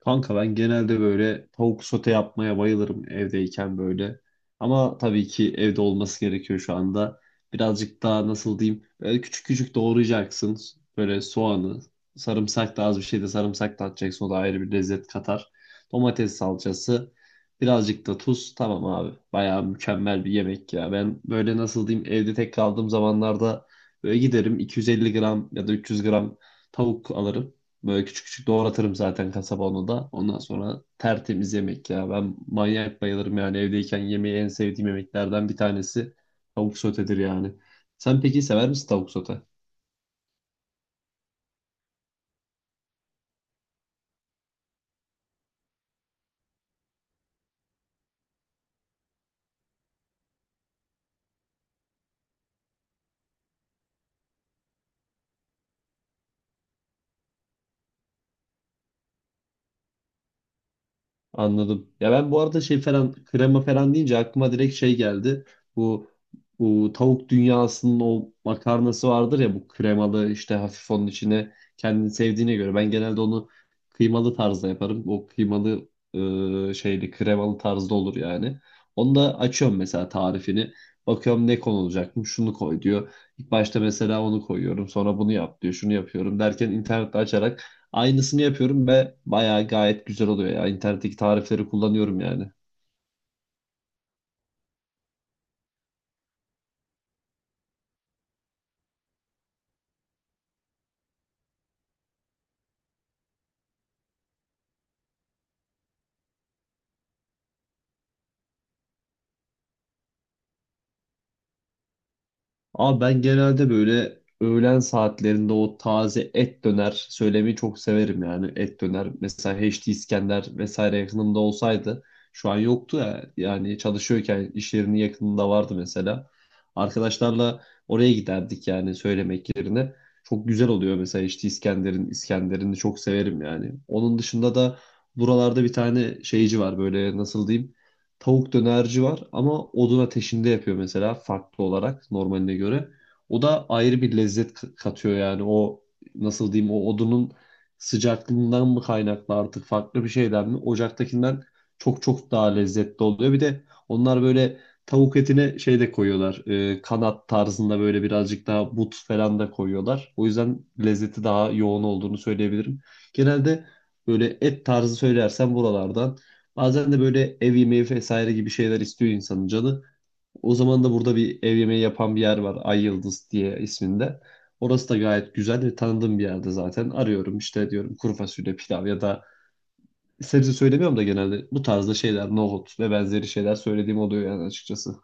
Kanka ben genelde böyle tavuk sote yapmaya bayılırım evdeyken böyle. Ama tabii ki evde olması gerekiyor şu anda. Birazcık daha nasıl diyeyim böyle küçük küçük doğrayacaksın. Böyle soğanı, sarımsak da az bir şey de sarımsak da atacaksın. O da ayrı bir lezzet katar. Domates salçası, birazcık da tuz. Tamam abi bayağı mükemmel bir yemek ya. Ben böyle nasıl diyeyim evde tek kaldığım zamanlarda böyle giderim 250 gram ya da 300 gram tavuk alırım. Böyle küçük küçük doğratırım zaten kasaba onu da. Ondan sonra tertemiz yemek ya. Ben manyak bayılırım yani evdeyken yemeği en sevdiğim yemeklerden bir tanesi tavuk sotedir yani. Sen peki sever misin tavuk sote? Anladım. Ya ben bu arada şey falan krema falan deyince aklıma direkt şey geldi. Bu, bu tavuk dünyasının o makarnası vardır ya bu kremalı işte hafif onun içine kendini sevdiğine göre. Ben genelde onu kıymalı tarzda yaparım. O kıymalı şeyli kremalı tarzda olur yani. Onu da açıyorum mesela tarifini. Bakıyorum ne konulacak mı? Şunu koy diyor. İlk başta mesela onu koyuyorum. Sonra bunu yap diyor. Şunu yapıyorum derken internette açarak aynısını yapıyorum ve bayağı gayet güzel oluyor ya. İnternetteki tarifleri kullanıyorum yani. Ama ben genelde böyle öğlen saatlerinde o taze et döner söylemeyi çok severim yani. Et döner mesela H D İskender vesaire yakınımda olsaydı şu an yoktu ya. Yani çalışıyorken iş yerinin yakınında vardı mesela. Arkadaşlarla oraya giderdik yani söylemek yerine. Çok güzel oluyor mesela H D İskender'in İskender'ini çok severim yani. Onun dışında da buralarda bir tane şeyci var böyle nasıl diyeyim tavuk dönerci var ama odun ateşinde yapıyor mesela farklı olarak normaline göre. O da ayrı bir lezzet katıyor yani o nasıl diyeyim o odunun sıcaklığından mı kaynaklı artık farklı bir şeyden mi? Ocaktakinden çok çok daha lezzetli oluyor. Bir de onlar böyle tavuk etine şey de koyuyorlar. Kanat tarzında böyle birazcık daha but falan da koyuyorlar. O yüzden lezzeti daha yoğun olduğunu söyleyebilirim. Genelde böyle et tarzı söylersem buralardan bazen de böyle ev yemeği vesaire gibi şeyler istiyor insanın canı. O zaman da burada bir ev yemeği yapan bir yer var. Ay Yıldız diye isminde. Orası da gayet güzel ve tanıdığım bir yerde zaten. Arıyorum işte diyorum kuru fasulye, pilav ya da sebze söylemiyorum da genelde bu tarzda şeyler, nohut ve benzeri şeyler söylediğim oluyor yani açıkçası.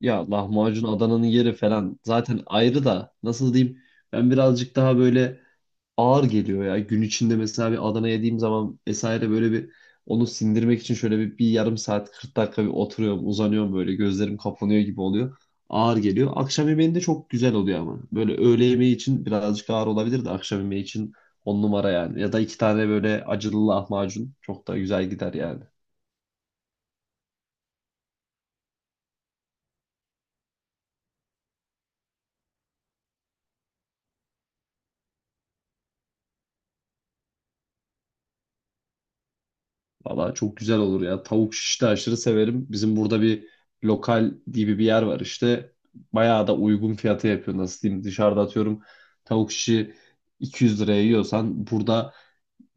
Ya lahmacun Adana'nın yeri falan zaten ayrı da nasıl diyeyim ben birazcık daha böyle ağır geliyor ya. Gün içinde mesela bir Adana yediğim zaman vesaire böyle bir onu sindirmek için şöyle bir yarım saat 40 dakika bir oturuyorum, uzanıyorum böyle gözlerim kapanıyor gibi oluyor. Ağır geliyor. Akşam yemeğinde çok güzel oluyor ama. Böyle öğle yemeği için birazcık ağır olabilir de akşam yemeği için on numara yani. Ya da iki tane böyle acılı lahmacun çok da güzel gider yani. Valla çok güzel olur ya. Tavuk şiş de aşırı severim. Bizim burada bir lokal gibi bir yer var işte. Bayağı da uygun fiyata yapıyor. Nasıl diyeyim? Dışarıda atıyorum tavuk şişi 200 liraya yiyorsan burada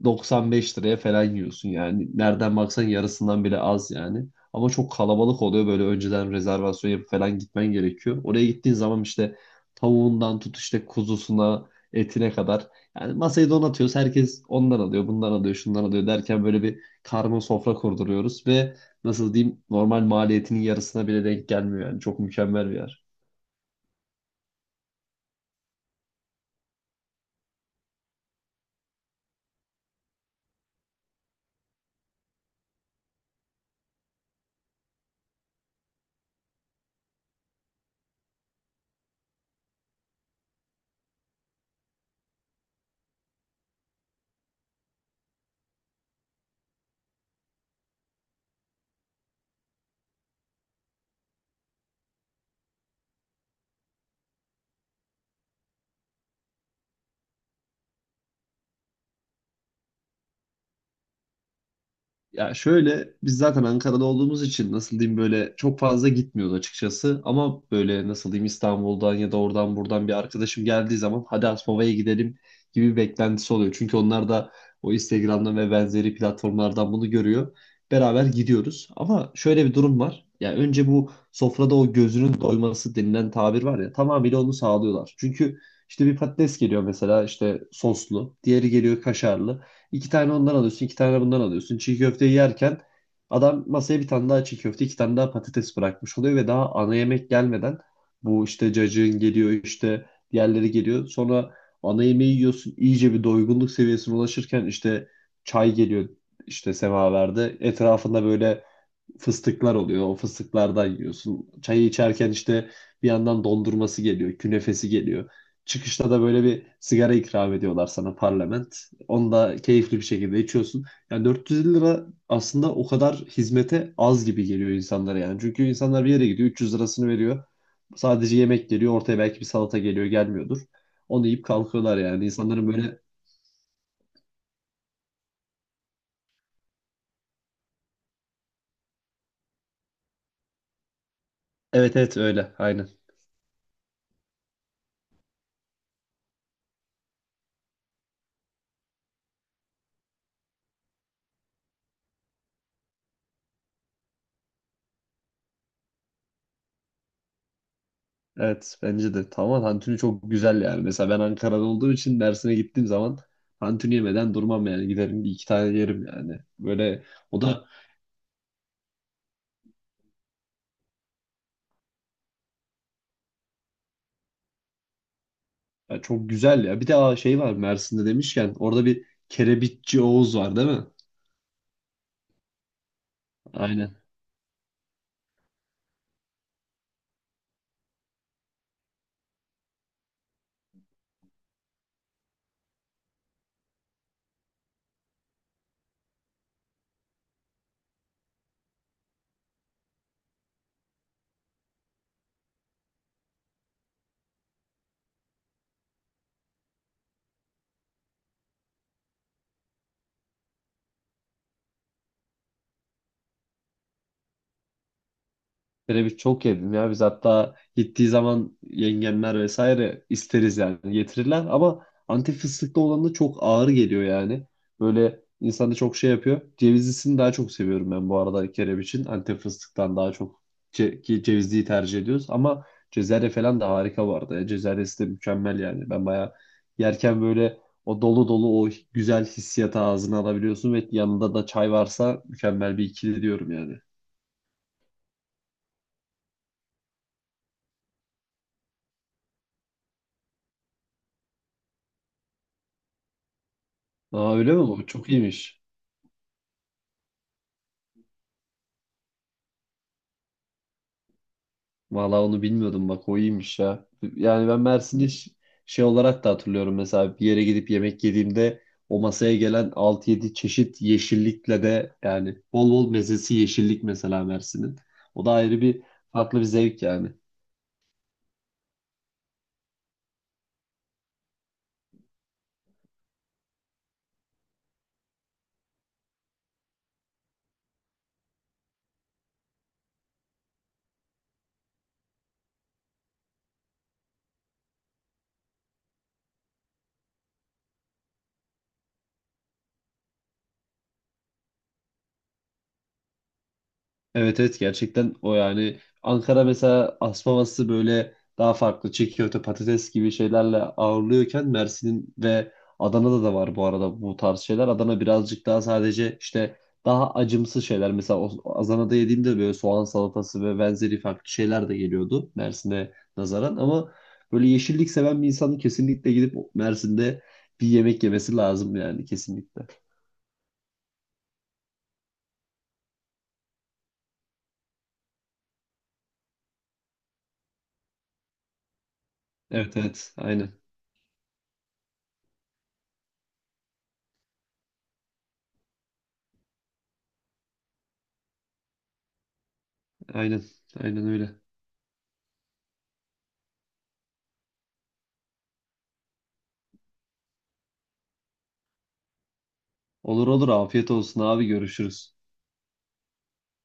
95 liraya falan yiyorsun yani. Nereden baksan yarısından bile az yani. Ama çok kalabalık oluyor böyle önceden rezervasyon yapıp falan gitmen gerekiyor. Oraya gittiğin zaman işte tavuğundan tut işte kuzusuna, etine kadar. Yani masayı donatıyoruz. Herkes ondan alıyor, bundan alıyor, şundan alıyor derken böyle bir karma sofra kurduruyoruz ve nasıl diyeyim normal maliyetinin yarısına bile denk gelmiyor yani. Çok mükemmel bir yer. Ya şöyle biz zaten Ankara'da olduğumuz için nasıl diyeyim böyle çok fazla gitmiyoruz açıkçası. Ama böyle nasıl diyeyim İstanbul'dan ya da oradan buradan bir arkadaşım geldiği zaman hadi Aspava'ya gidelim gibi bir beklentisi oluyor. Çünkü onlar da o Instagram'dan ve benzeri platformlardan bunu görüyor. Beraber gidiyoruz. Ama şöyle bir durum var. Ya önce bu sofrada o gözünün doyması denilen tabir var ya tamamıyla onu sağlıyorlar. Çünkü işte bir patates geliyor mesela işte soslu, diğeri geliyor kaşarlı. İki tane ondan alıyorsun, iki tane bundan alıyorsun. Çiğ köfteyi yerken adam masaya bir tane daha çiğ köfte, iki tane daha patates bırakmış oluyor ve daha ana yemek gelmeden bu işte cacığın geliyor, işte diğerleri geliyor. Sonra ana yemeği yiyorsun, iyice bir doygunluk seviyesine ulaşırken işte çay geliyor işte semaverde. Etrafında böyle fıstıklar oluyor. O fıstıklardan yiyorsun. Çayı içerken işte bir yandan dondurması geliyor, künefesi geliyor. Çıkışta da böyle bir sigara ikram ediyorlar sana parlament. Onu da keyifli bir şekilde içiyorsun. Yani 450 lira aslında o kadar hizmete az gibi geliyor insanlara yani. Çünkü insanlar bir yere gidiyor 300 lirasını veriyor. Sadece yemek geliyor ortaya belki bir salata geliyor gelmiyordur. Onu yiyip kalkıyorlar yani. İnsanların böyle evet evet öyle aynen. Evet bence de tamam tantuni çok güzel yani. Mesela ben Ankara'da olduğum için Mersin'e gittiğim zaman tantuni yemeden durmam yani. Giderim bir iki tane yerim yani. Böyle o da ya çok güzel ya. Bir de aa, şey var Mersin'de demişken orada bir kerebitçi Oğuz var değil mi? Aynen. Kereviç çok yedim ya. Biz hatta gittiği zaman yengemler vesaire isteriz yani getirirler. Ama Antep fıstıklı olan da çok ağır geliyor yani. Böyle insanı çok şey yapıyor. Cevizlisini daha çok seviyorum ben bu arada kereviçin. Antep fıstıktan daha çok ki cevizliyi tercih ediyoruz. Ama cezerye falan da harika vardı. Arada ya. Cezeryesi de mükemmel yani. Ben bayağı yerken böyle o dolu dolu o güzel hissiyatı ağzına alabiliyorsun ve yanında da çay varsa mükemmel bir ikili diyorum yani. Aa öyle mi bu? Çok iyiymiş. Valla onu bilmiyordum bak o iyiymiş ya. Yani ben Mersin'i şey olarak da hatırlıyorum mesela bir yere gidip yemek yediğimde o masaya gelen 6-7 çeşit yeşillikle de yani bol bol mezesi yeşillik mesela Mersin'in. O da ayrı bir farklı bir zevk yani. Evet evet gerçekten o yani Ankara mesela asmaması böyle daha farklı çiğköfte patates gibi şeylerle ağırlıyorken Mersin'in ve Adana'da da var bu arada bu tarz şeyler. Adana birazcık daha sadece işte daha acımsı şeyler. Mesela Adana'da yediğimde böyle soğan salatası ve benzeri farklı şeyler de geliyordu Mersin'e nazaran ama böyle yeşillik seven bir insanın kesinlikle gidip Mersin'de bir yemek yemesi lazım yani kesinlikle. Evet evet aynen aynen aynen öyle. Olur olur afiyet olsun abi görüşürüz.